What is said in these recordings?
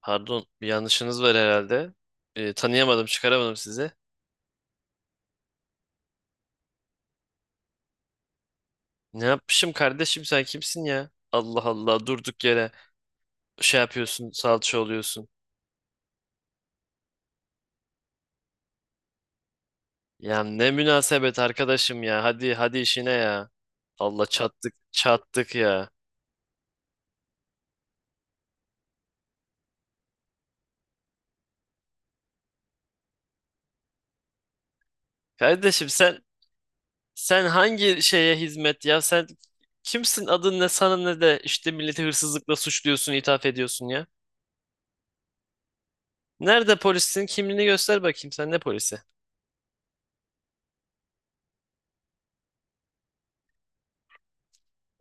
Pardon, bir yanlışınız var herhalde. Tanıyamadım, çıkaramadım sizi. Ne yapmışım kardeşim, sen kimsin ya? Allah Allah, durduk yere şey yapıyorsun, salça oluyorsun. Ya ne münasebet arkadaşım ya. Hadi hadi işine ya. Allah, çattık çattık ya. Kardeşim, sen hangi şeye hizmet ya? Sen kimsin? Adın ne? Sana ne de işte milleti hırsızlıkla suçluyorsun, ithaf ediyorsun ya. Nerede polissin? Kimliğini göster bakayım. Sen ne polisi?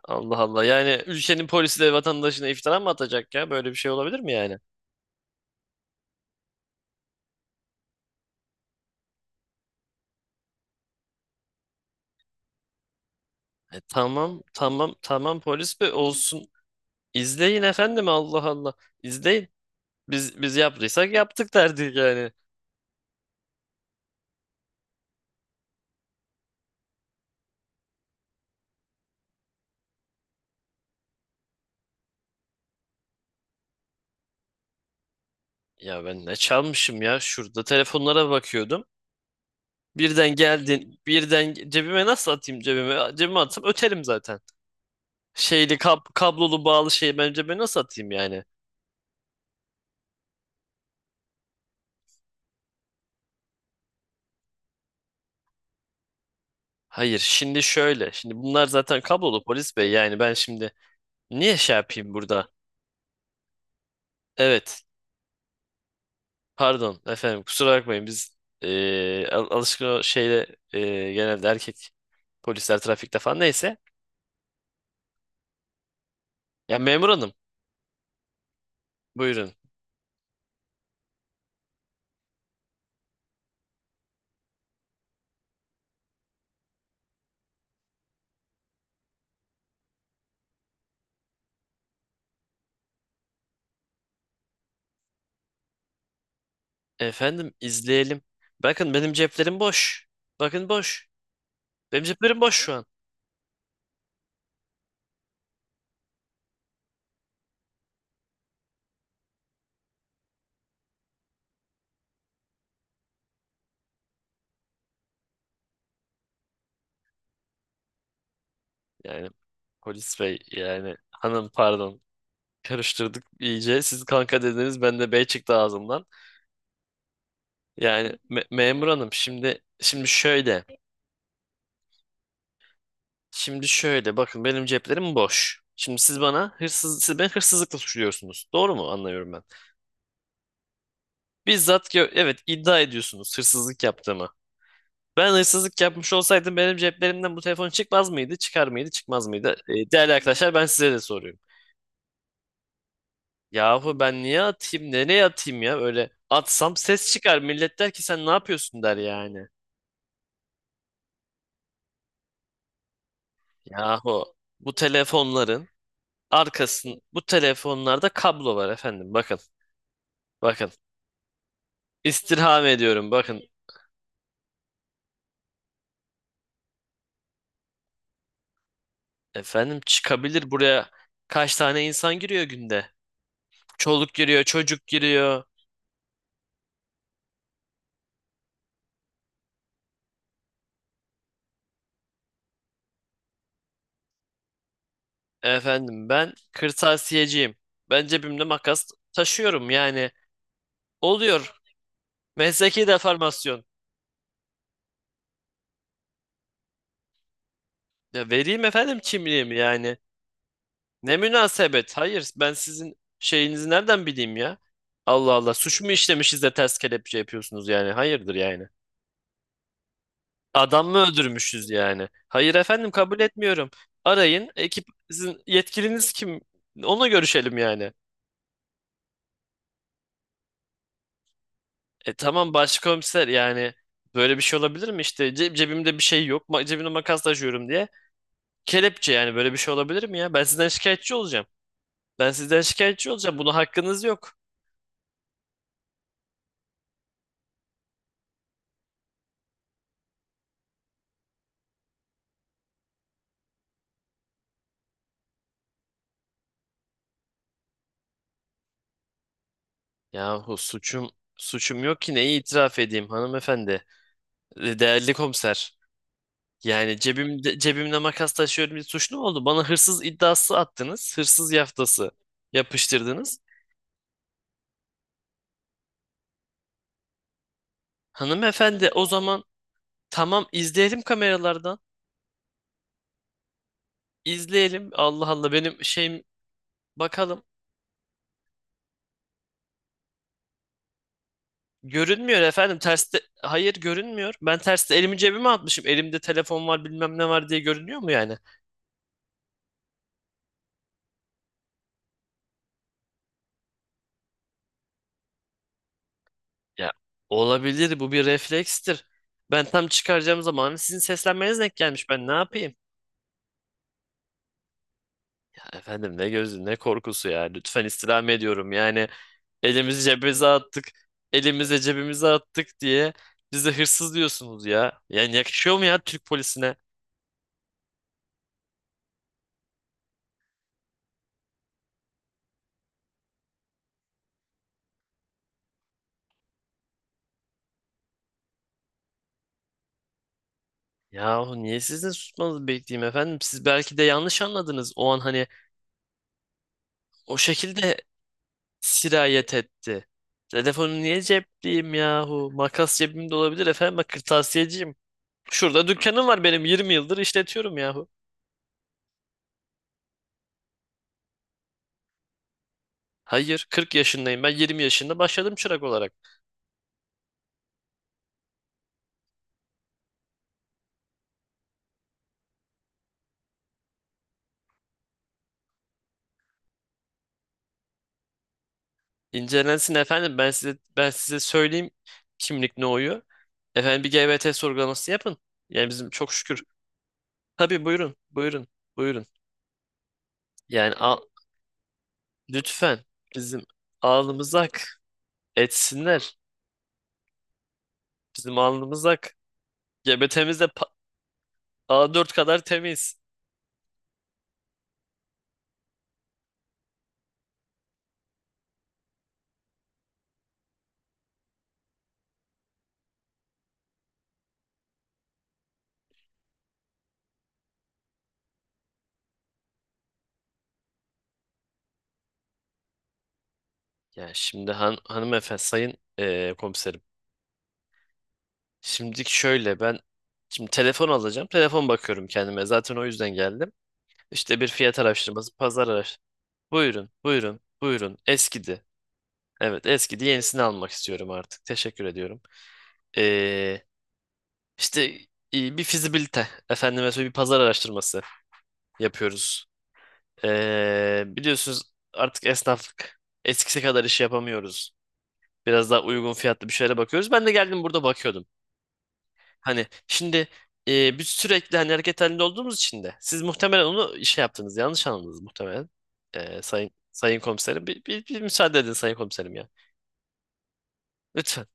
Allah Allah. Yani ülkenin polisi de vatandaşına iftira mı atacak ya? Böyle bir şey olabilir mi yani? Tamam tamam tamam, polis be olsun. İzleyin efendim, Allah Allah. İzleyin. Biz yaptıysak yaptık derdik yani. Ya ben ne çalmışım ya? Şurada telefonlara bakıyordum. Birden geldin. Cebime nasıl atayım cebime? Cebime atsam öterim zaten. Şeyli kablolu bağlı şeyi ben cebime nasıl atayım yani? Hayır şimdi şöyle. Şimdi bunlar zaten kablolu polis bey, yani ben şimdi niye şey yapayım burada? Evet. Pardon efendim, kusura bakmayın, biz alışkın o şeyle, genelde erkek polisler trafikte falan, neyse. Ya memur hanım, buyurun. Efendim, izleyelim. Bakın, benim ceplerim boş. Bakın boş. Benim ceplerim boş şu an. Yani polis bey, yani hanım, pardon, karıştırdık iyice. Siz kanka dediniz, ben de bey çıktı ağzımdan. Yani memur hanım, şimdi şimdi şöyle. Şimdi şöyle bakın, benim ceplerim boş. Şimdi siz bana hırsız, siz beni hırsızlıkla suçluyorsunuz. Doğru mu anlıyorum ben? Evet, iddia ediyorsunuz hırsızlık yaptığımı. Ben hırsızlık yapmış olsaydım benim ceplerimden bu telefon çıkmaz mıydı? Çıkar mıydı? Çıkmaz mıydı? Değerli arkadaşlar, ben size de soruyorum. Yahu ben niye atayım? Nereye atayım ya? Öyle atsam ses çıkar. Millet der ki sen ne yapıyorsun der yani. Yahu bu telefonların arkasın, bu telefonlarda kablo var efendim. Bakın bakın. İstirham ediyorum, bakın efendim, çıkabilir buraya kaç tane insan giriyor günde? Çoluk giriyor, çocuk giriyor. Efendim, ben kırtasiyeciyim. Ben cebimde makas taşıyorum yani. Oluyor. Mesleki deformasyon. Ya vereyim efendim kimliğimi yani. Ne münasebet. Hayır, ben sizin şeyinizi nereden bileyim ya? Allah Allah, suç mu işlemişiz de ters kelepçe yapıyorsunuz yani? Hayırdır yani. Adam mı öldürmüşüz yani? Hayır efendim, kabul etmiyorum. Arayın ekip, sizin yetkiliniz kim? Onunla görüşelim yani. E tamam, başkomiser yani böyle bir şey olabilir mi, işte cebimde bir şey yok, cebimde makas taşıyorum diye? Kelepçe yani, böyle bir şey olabilir mi ya? Ben sizden şikayetçi olacağım. Ben sizden şikayetçi olacağım. Buna hakkınız yok. Yahu suçum yok ki, neyi itiraf edeyim hanımefendi? Değerli komiser. Yani cebimde, cebimde makas taşıyorum diye suçlu mu oldu? Bana hırsız iddiası attınız. Hırsız yaftası yapıştırdınız. Hanımefendi, o zaman tamam, izleyelim kameralardan. İzleyelim. Allah Allah, benim şeyim bakalım. Görünmüyor efendim terste. Hayır görünmüyor. Ben terste elimi cebime atmışım. Elimde telefon var, bilmem ne var diye görünüyor mu yani? Ya olabilir, bu bir reflekstir. Ben tam çıkaracağım zaman, hani sizin seslenmeniz denk gelmiş. Ben ne yapayım? Efendim, ne gözü, ne korkusu ya. Lütfen, istirham ediyorum. Yani elimizi cebimize attık. Elimize cebimize attık diye bize hırsız diyorsunuz ya. Yani yakışıyor mu ya Türk polisine? Yahu niye sizin susmanızı bekleyeyim efendim? Siz belki de yanlış anladınız. O an hani o şekilde sirayet etti. Telefonu niye cepliyim yahu? Makas cebimde olabilir efendim. Bak, kırtasiyeciyim. Şurada dükkanım var, benim 20 yıldır işletiyorum yahu. Hayır 40 yaşındayım, ben 20 yaşında başladım çırak olarak. İncelensin efendim. Ben size, ben size söyleyeyim kimlik ne oyu. Efendim, bir GBT sorgulaması yapın. Yani bizim çok şükür. Tabii buyurun, buyurun, buyurun. Yani al, lütfen, bizim alnımız ak etsinler. Bizim alnımız ak. GBT'miz de A4 kadar temiz. Yani şimdi hanımefendi, sayın komiserim. Şimdi şöyle, ben şimdi telefon alacağım. Telefon bakıyorum kendime. Zaten o yüzden geldim. İşte bir fiyat araştırması, pazar araştırması. Buyurun, buyurun, buyurun. Eskidi. Evet, eski diye yenisini almak istiyorum artık. Teşekkür ediyorum. Ee, işte bir fizibilite, efendime söyleyeyim, bir pazar araştırması yapıyoruz. Biliyorsunuz, artık esnaflık eskisi kadar iş yapamıyoruz. Biraz daha uygun fiyatlı bir şeylere bakıyoruz. Ben de geldim, burada bakıyordum. Hani şimdi biz sürekli hani hareket halinde olduğumuz için de siz muhtemelen onu işe yaptınız. Yanlış anladınız muhtemelen. Sayın sayın komiserim, bir müsaade edin sayın komiserim ya. Lütfen.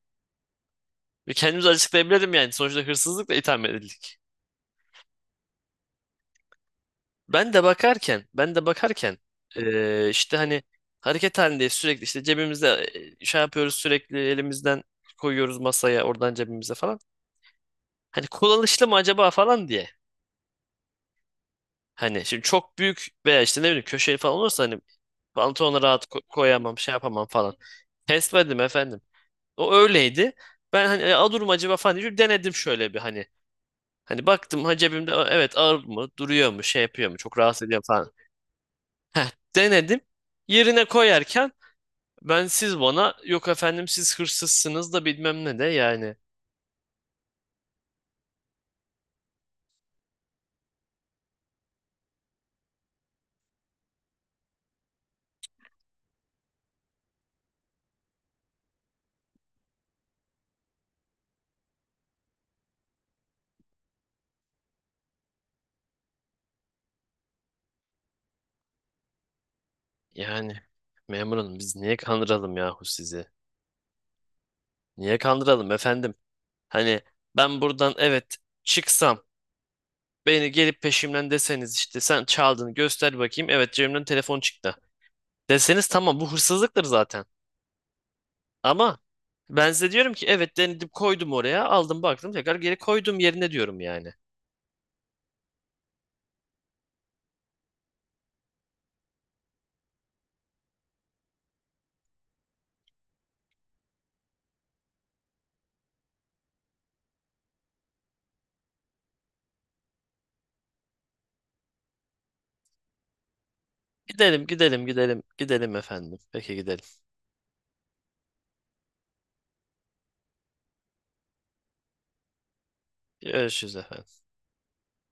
Ve kendimizi açıklayabilirim yani. Sonuçta hırsızlıkla itham edildik. Ben de bakarken işte hani hareket halindeyiz sürekli, işte cebimizde şey yapıyoruz, sürekli elimizden koyuyoruz masaya, oradan cebimize falan. Hani kullanışlı mı acaba falan diye. Hani şimdi çok büyük veya işte ne bileyim köşeli falan olursa, hani pantolona rahat koyamam, şey yapamam falan. Test verdim efendim. O öyleydi. Ben hani, "E, alır mı acaba" falan diye denedim şöyle bir hani. Hani baktım, ha cebimde, "Aa, evet, ağır mı, duruyor mu, şey yapıyor mu, çok rahatsız ediyor mu" falan. Heh, denedim. Yerine koyarken ben, siz bana "Yok efendim, siz hırsızsınız" da bilmem ne de yani. Yani memur hanım, biz niye kandıralım yahu sizi? Niye kandıralım efendim? Hani ben buradan evet çıksam, beni gelip peşimden deseniz işte sen çaldın, göster bakayım", evet cebimden telefon çıktı deseniz, tamam, bu hırsızlıktır zaten. Ama ben size diyorum ki evet, denedim, koydum oraya, aldım baktım, tekrar geri koydum yerine diyorum yani. Gidelim gidelim gidelim gidelim efendim. Peki gidelim. Görüşürüz efendim.